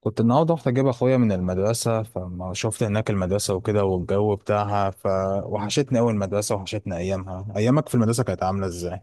كنت النهارده رحت اجيب اخويا من المدرسه، فما شفت هناك المدرسه وكده والجو بتاعها فوحشتني قوي المدرسه، وحشتني ايامها. ايامك في المدرسه كانت عامله ازاي؟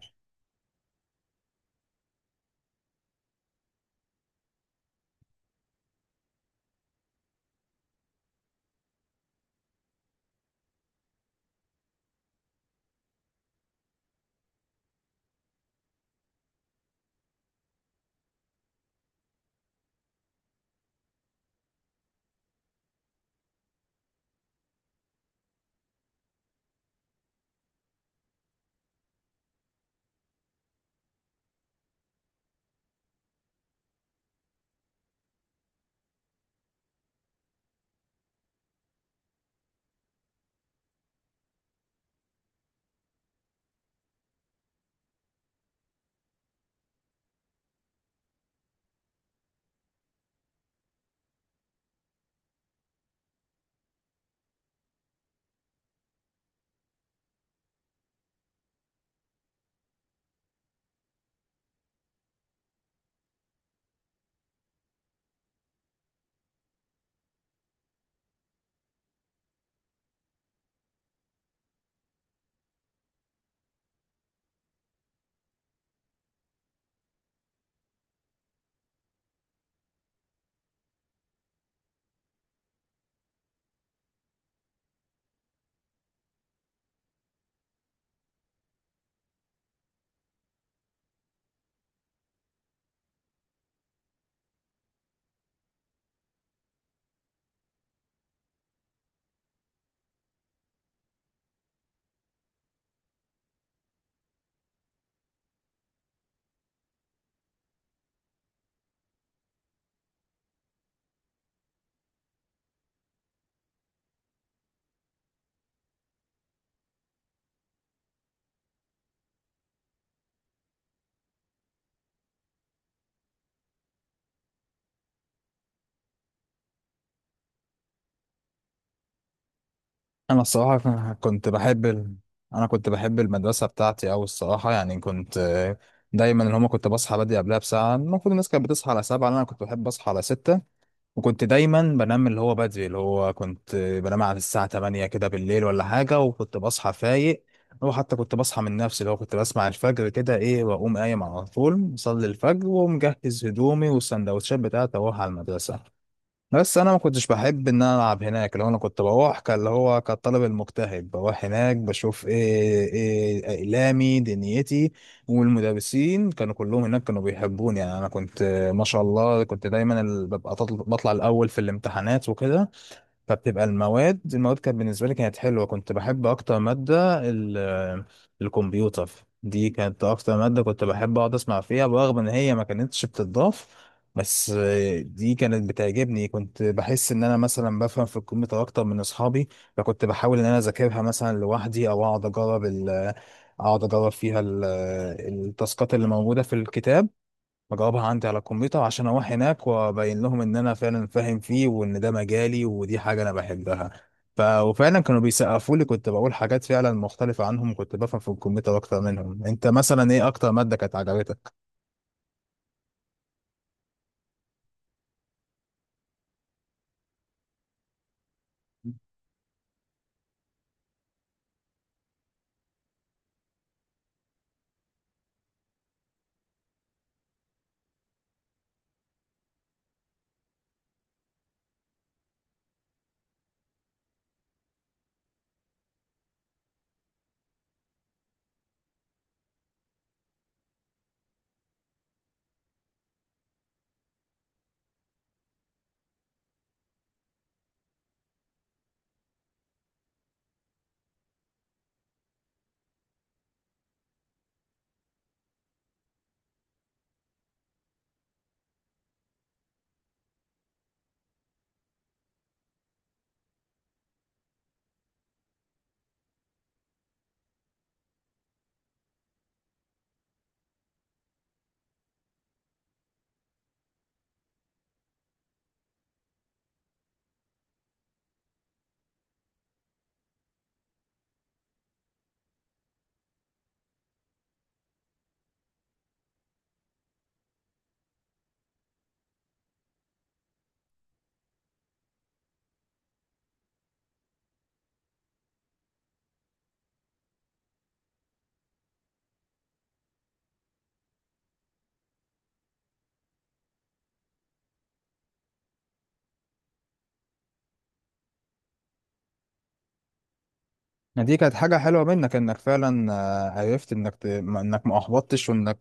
انا الصراحه كنت بحب انا كنت بحب المدرسه بتاعتي، او الصراحه، يعني كنت دايما اللي هما كنت بصحى بدري قبلها بساعه. المفروض الناس كانت بتصحى على سبعة، انا كنت بحب اصحى على ستة. وكنت دايما بنام اللي هو بدري، اللي هو كنت بنام على الساعه 8 كده بالليل ولا حاجه، وكنت بصحى فايق. وحتى كنت بصحى من نفسي، اللي هو كنت بسمع الفجر كده ايه، واقوم قايم على طول اصلي الفجر ومجهز هدومي والسندوتشات بتاعتي اروح على المدرسه. بس انا ما كنتش بحب ان انا العب هناك، اللي هو انا كنت بروح كان اللي هو كالطالب المجتهد، بروح هناك بشوف ايه اقلامي دنيتي، والمدرسين كانوا كلهم هناك كانوا بيحبوني. يعني انا كنت ما شاء الله كنت دايما بطلع الاول في الامتحانات وكده. فبتبقى المواد كانت بالنسبة لي كانت حلوة. كنت بحب أكتر مادة الكمبيوتر. دي كانت أكتر مادة كنت بحب أقعد أسمع فيها، برغم إن هي ما كانتش بتضاف. بس دي كانت بتعجبني، كنت بحس إن أنا مثلا بفهم في الكمبيوتر أكتر من أصحابي. فكنت بحاول إن أنا أذاكرها مثلا لوحدي، أو أقعد أجرب فيها التاسكات اللي موجودة في الكتاب، بجاوبها عندي على الكمبيوتر عشان اروح هناك وابين لهم ان انا فعلا فاهم فيه، وان ده مجالي ودي حاجه انا بحبها. وفعلا كانوا بيسقفوا لي، كنت بقول حاجات فعلا مختلفه عنهم، كنت بفهم في الكمبيوتر اكتر منهم. انت مثلا ايه اكتر ماده كانت عجبتك؟ ما دي كانت حاجة حلوة منك، انك فعلا عرفت انك ما احبطتش، وانك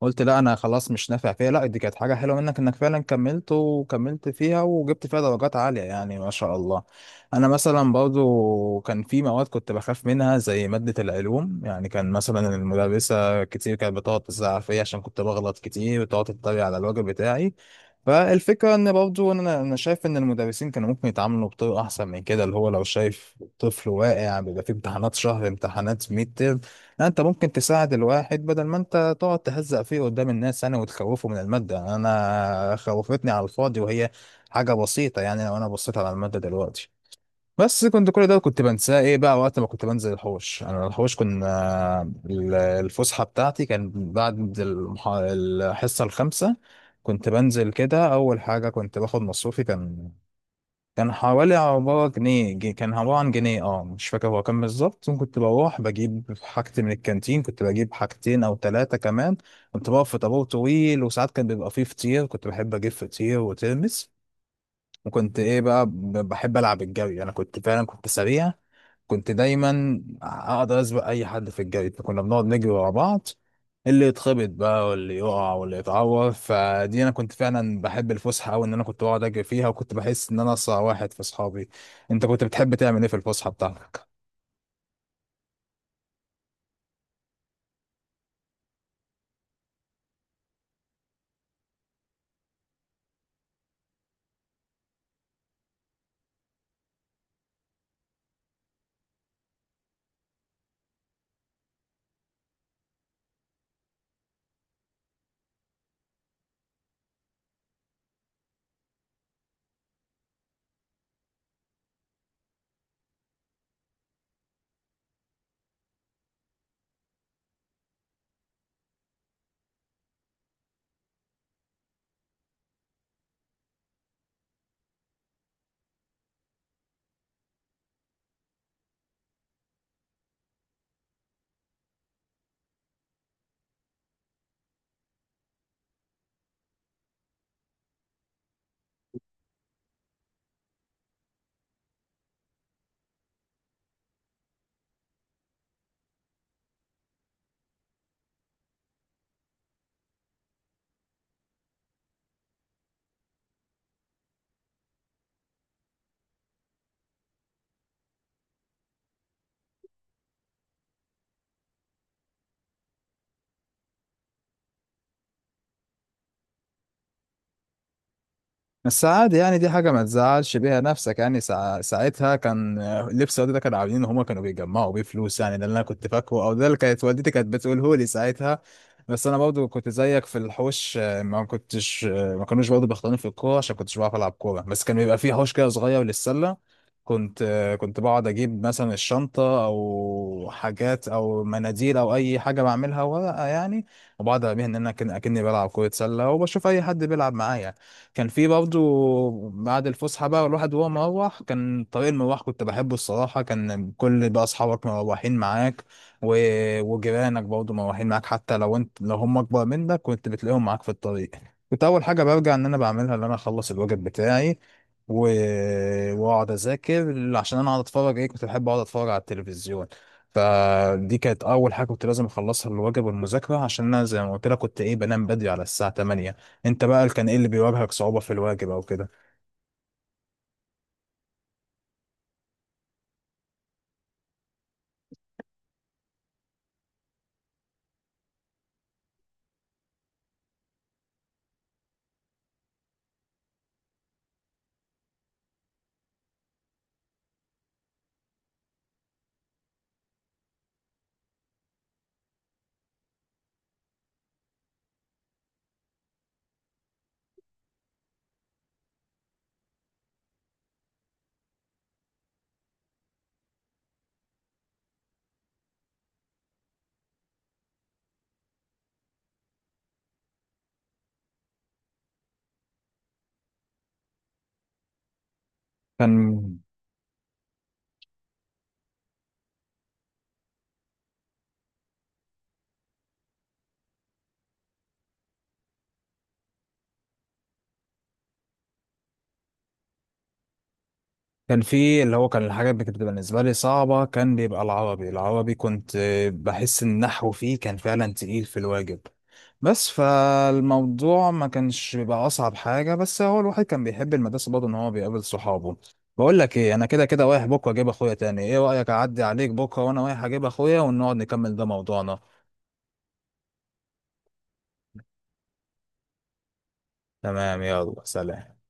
قلت لا انا خلاص مش نافع فيها. لا دي كانت حاجة حلوة منك انك فعلا كملت وكملت فيها وجبت فيها درجات عالية، يعني ما شاء الله. انا مثلا برضو كان في مواد كنت بخاف منها زي مادة العلوم. يعني كان مثلا المدرسة كتير كانت بتقعد تزعق فيا عشان كنت بغلط كتير، وتقعد تتريق على الواجب بتاعي. فالفكرة ان برضه انا شايف ان المدرسين كانوا ممكن يتعاملوا بطريقة احسن من كده، اللي هو لو شايف طفل واقع بيبقى فيه امتحانات شهر، امتحانات ميد ترم، لا انت ممكن تساعد الواحد بدل ما انت تقعد تهزق فيه قدام الناس انا وتخوفه من المادة. انا خوفتني على الفاضي وهي حاجة بسيطة، يعني لو انا بصيت على المادة دلوقتي. بس كنت كل ده كنت بنساه ايه بقى وقت ما كنت بنزل الحوش. انا الحوش، كنا الفسحه بتاعتي كان بعد الحصه الخامسه. كنت بنزل كده، اول حاجه كنت باخد مصروفي، كان عبارة عن جنيه، اه مش فاكر هو كان بالظبط. كنت بروح بجيب حاجتي من الكانتين، كنت بجيب حاجتين او ثلاثة كمان. كنت بقف في طابور طويل، وساعات كان بيبقى فيه فطير، كنت بحب اجيب فطير وترمس. وكنت ايه بقى بحب العب الجري. انا كنت فعلا كنت سريع، كنت دايما اقدر اسبق اي حد في الجري. كنا بنقعد نجري ورا بعض، اللي يتخبط بقى واللي يقع واللي يتعور. فدي انا كنت فعلا بحب الفسحه قوي، ان انا كنت بقعد اجري فيها وكنت بحس ان انا اسرع واحد في اصحابي. انت كنت بتحب تعمل ايه في الفسحه بتاعتك؟ بس عادي، يعني دي حاجة ما تزعلش بيها نفسك. يعني ساعتها كان لبس والدي ده كانوا عاملين ان هما كانوا بيجمعوا بيه فلوس، يعني ده اللي انا كنت فاكره، او ده اللي كانت والدتي كانت بتقوله لي ساعتها. بس انا برضو كنت زيك في الحوش، ما كنتش ما كانوش برضو بيختاروني في الكورة عشان كنتش بعرف العب كورة. بس كان بيبقى فيه حوش كده صغير للسلة. كنت كنت بقعد اجيب مثلا الشنطة او حاجات او مناديل او اي حاجة بعملها ورقة يعني، وبقعد ارميها ان انا اكني بلعب كرة سلة، وبشوف اي حد بيلعب معايا. كان في برضه بعد الفسحة بقى، الواحد وهو مروح، كان طريق المروح كنت بحبه الصراحة. كان كل بقى أصحابك مروحين معاك و... وجيرانك برضه مروحين معاك، حتى لو انت لو هم أكبر منك كنت بتلاقيهم معاك في الطريق. كنت أول حاجة برجع إن أنا بعملها إن أنا أخلص الواجب بتاعي و... وأقعد أذاكر عشان أنا أقعد أتفرج. إيه، كنت بحب أقعد أتفرج على التلفزيون. فدي كانت أول حاجة كنت لازم أخلصها، الواجب والمذاكرة، عشان أنا زي ما قلت لك كنت إيه بنام بدري على الساعة 8. انت بقى كان ايه اللي بيواجهك صعوبة في الواجب او كده؟ كان كان الحاجات اللي كانت بتبقى بالنسبة لي صعبة. كان بيبقى العربي، كنت بحس ان النحو فيه كان فعلا تقيل في الواجب. بس فالموضوع ما كانش بيبقى اصعب حاجة، بس هو الواحد كان بيحب المدرسة برضه ان هو بيقابل صحابه. بقول لك ايه، انا كده كده رايح بكرة اجيب اخويا تاني، ايه رأيك اعدي عليك بكرة وانا رايح اجيب اخويا ونقعد نكمل ده موضوعنا؟ تمام، يلا سلام.